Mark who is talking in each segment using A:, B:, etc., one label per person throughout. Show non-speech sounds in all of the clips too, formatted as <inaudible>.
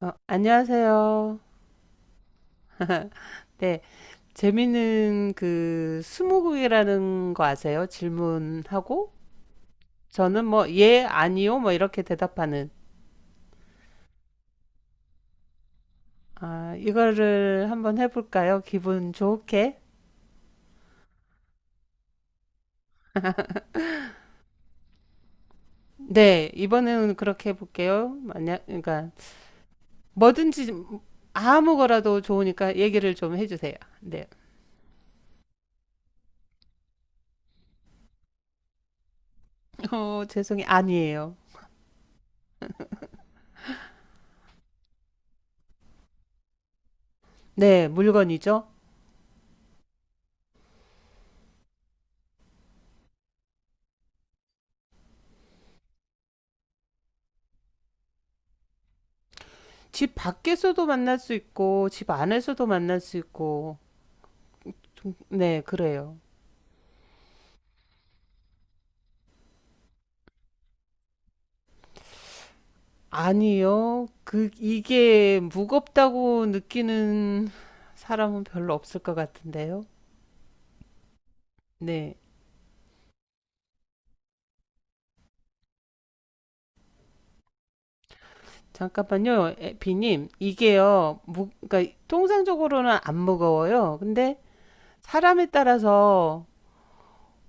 A: 안녕하세요. 네, 재미있는 그 스무고개라는 거 아세요? 질문하고 저는 뭐 예, 아니요 뭐 이렇게 대답하는 아, 이거를 한번 해볼까요? 기분 좋게. 네, 이번에는 그렇게 해볼게요. 만약 그러니까 뭐든지 아무 거라도 좋으니까 얘기를 좀 해주세요. 네, 죄송해요. 아니에요. 네, 물건이죠. 집 밖에서도 만날 수 있고 집 안에서도 만날 수 있고 좀, 네, 그래요. 아니요. 그, 이게 무겁다고 느끼는 사람은 별로 없을 것 같은데요. 네. 잠깐만요, 비님. 이게요, 그러니까 통상적으로는 안 무거워요. 근데 사람에 따라서,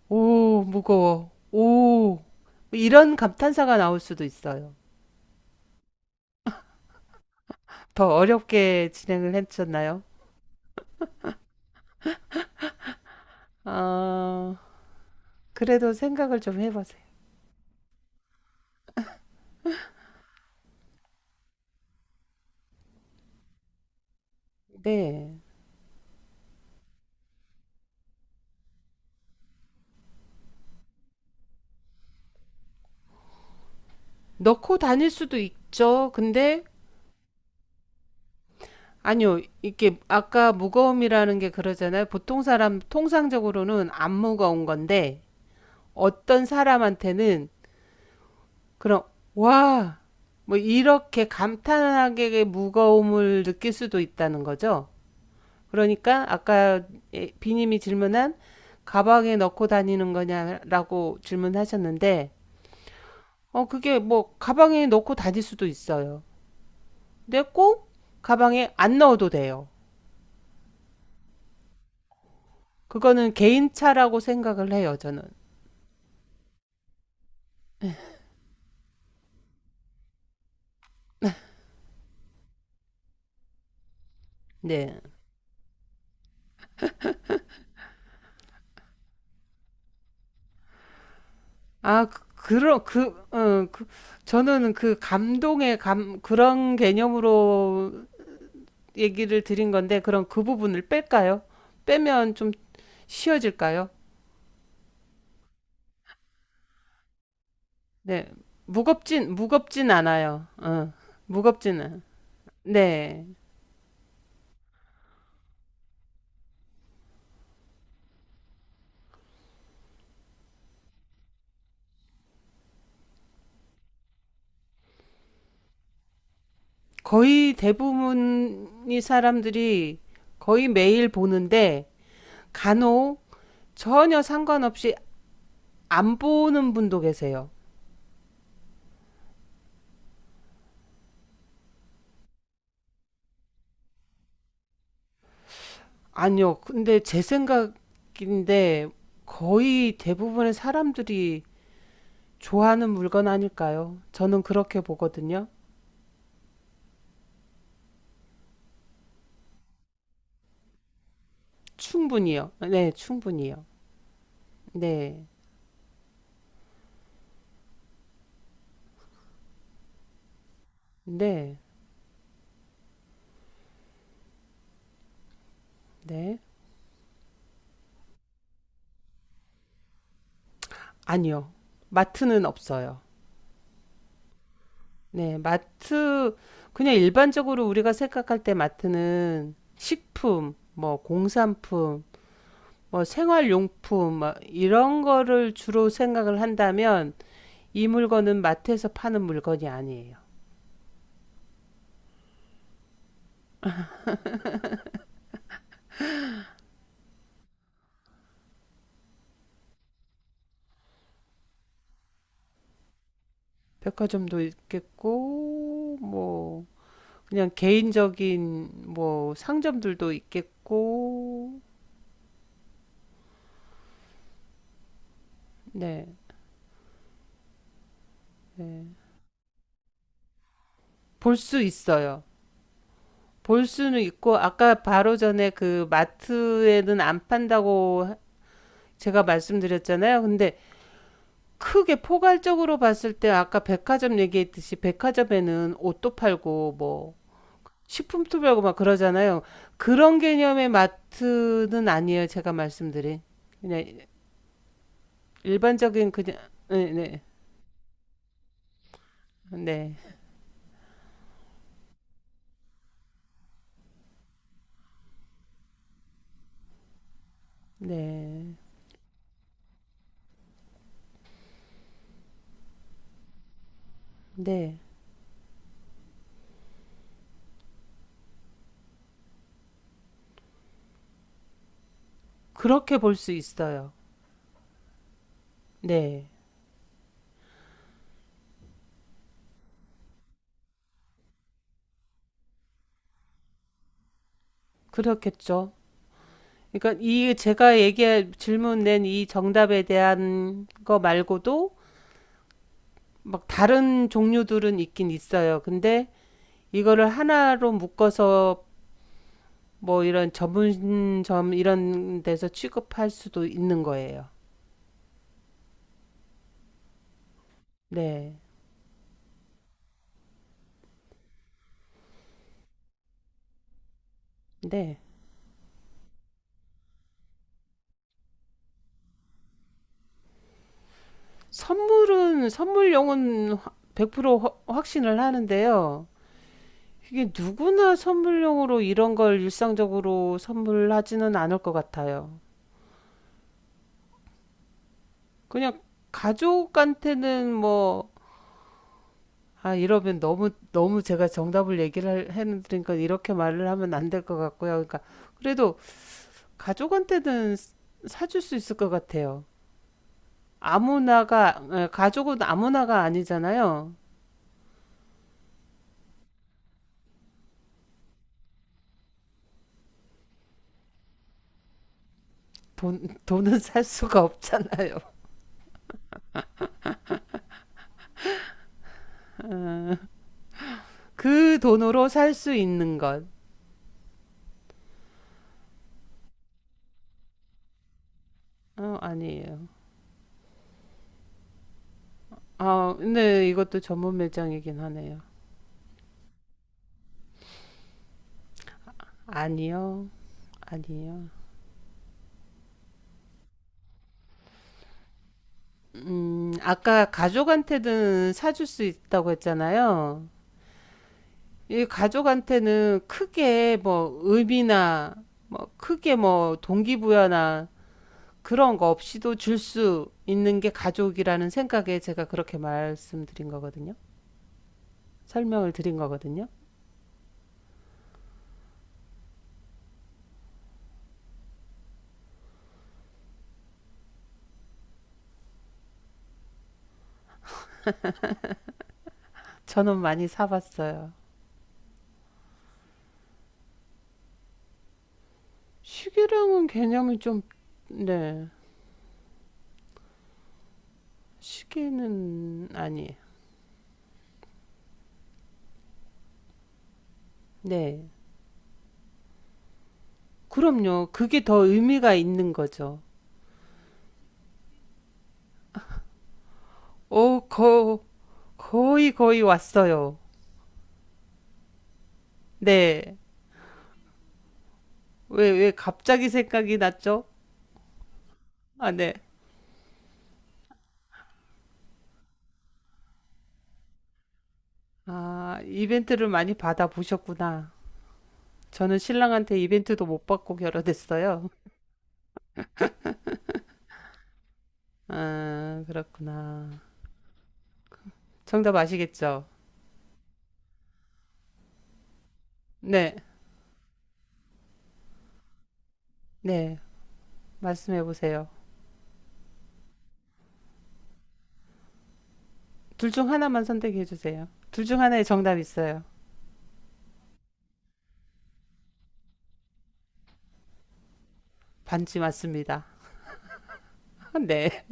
A: 오, 무거워. 오, 뭐 이런 감탄사가 나올 수도 있어요. 더 어렵게 진행을 해주셨나요? 아, 그래도 생각을 좀 해보세요. 네. 넣고 다닐 수도 있죠. 근데 아니요, 이게 아까 무거움이라는 게 그러잖아요. 보통 사람 통상적으로는 안 무거운 건데 어떤 사람한테는 그런 와, 뭐 이렇게 감탄하게 무거움을 느낄 수도 있다는 거죠. 그러니까 아까 예, 비님이 질문한 가방에 넣고 다니는 거냐라고 질문하셨는데 그게 뭐 가방에 넣고 다닐 수도 있어요. 근데 꼭 가방에 안 넣어도 돼요. 그거는 개인차라고 생각을 해요, 저는. 네. 아, 그 저는 그 감동의 감 그런 개념으로 얘기를 드린 건데 그럼 그 부분을 뺄까요? 빼면 좀 쉬워질까요? 네. 무겁진 않아요. 무겁지는. 네. 거의 대부분이 사람들이 거의 매일 보는데 간혹 전혀 상관없이 안 보는 분도 계세요. 아니요. 근데 제 생각인데 거의 대부분의 사람들이 좋아하는 물건 아닐까요? 저는 그렇게 보거든요. 충분히요. 네, 충분히요. 네, 네, 네. 아니요. 마트는 없어요. 네, 마트, 그냥 일반적으로 우리가 생각할 때 마트는 식품, 뭐 공산품, 뭐 생활용품, 뭐 이런 거를 주로 생각을 한다면 이 물건은 마트에서 파는 물건이 아니에요. 백화점도 있겠고, 뭐, 그냥 개인적인 뭐 상점들도 있겠고, 네, 네. 볼 수 있어요. 볼 수는 있고, 아까 바로 전에 그 마트에는 안 판다고 제가 말씀드렸잖아요. 근데 크게 포괄적으로 봤을 때 아까 백화점 얘기했듯이 백화점에는 옷도 팔고 뭐 식품도 팔고 막 그러잖아요. 그런 개념의 마트는 아니에요. 제가 말씀드린. 그냥 일반적인 그냥 네, 네. 네. 네. 네. 그렇게 볼 수 있어요. 네. 그렇겠죠. 그러니까 이 제가 얘기할 질문 낸 이 정답에 대한 거 말고도 막 다른 종류들은 있긴 있어요. 근데 이거를 하나로 묶어서 뭐 이런 전문점 이런 데서 취급할 수도 있는 거예요. 네. 네. 선물은 선물용은 백100% 확신을 하는데요. 이게 누구나 선물용으로 이런 걸 일상적으로 선물하지는 않을 것 같아요. 그냥 가족한테는 뭐, 아, 이러면 너무, 너무 제가 정답을 얘기를 해드리니까 이렇게 말을 하면 안 될 것 같고요. 그러니까, 그래도 가족한테는 사줄 수 있을 것 같아요. 아무나가, 가족은 아무나가 아니잖아요. 돈은 <laughs> 살 수가 없잖아요. 그 돈으로 살 수 있는 것. 아니에요. 아, 근데 이것도 전문 매장이긴 하네요. 아니요. 아니요. 아까 가족한테는 사줄 수 있다고 했잖아요. 이 가족한테는 크게 뭐 의미나 뭐 크게 뭐 동기부여나 그런 거 없이도 줄 수 있는 게 가족이라는 생각에 제가 그렇게 말씀드린 거거든요. 설명을 드린 거거든요. 저는 많이 사봤어요. 시계랑은 개념이 좀, 네. 시계는 아니에요. 네. 그럼요. 그게 더 의미가 있는 거죠. 오, 거, 거의 거의 왔어요. 네. 왜 갑자기 생각이 났죠? 아, 네. 아, 이벤트를 많이 받아보셨구나. 저는 신랑한테 이벤트도 못 받고 결혼했어요. 아, 그렇구나. 정답 아시겠죠? 네. 네. 말씀해 보세요. 둘 중 하나만 선택해 주세요. 둘 중 하나의 정답 있어요. 반지 맞습니다. <laughs> 네.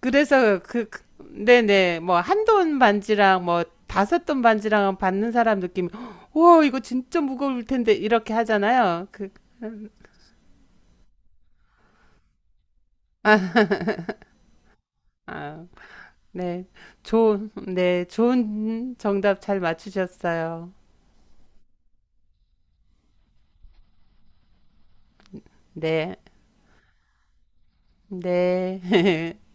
A: 그래서 네네 뭐 1돈 반지랑 뭐 5돈 반지랑 받는 사람 느낌이 오 이거 진짜 무거울 텐데 이렇게 하잖아요. 아, 네. 좋은 네, 좋은 정답 잘 맞추셨어요. 네. 네. <laughs>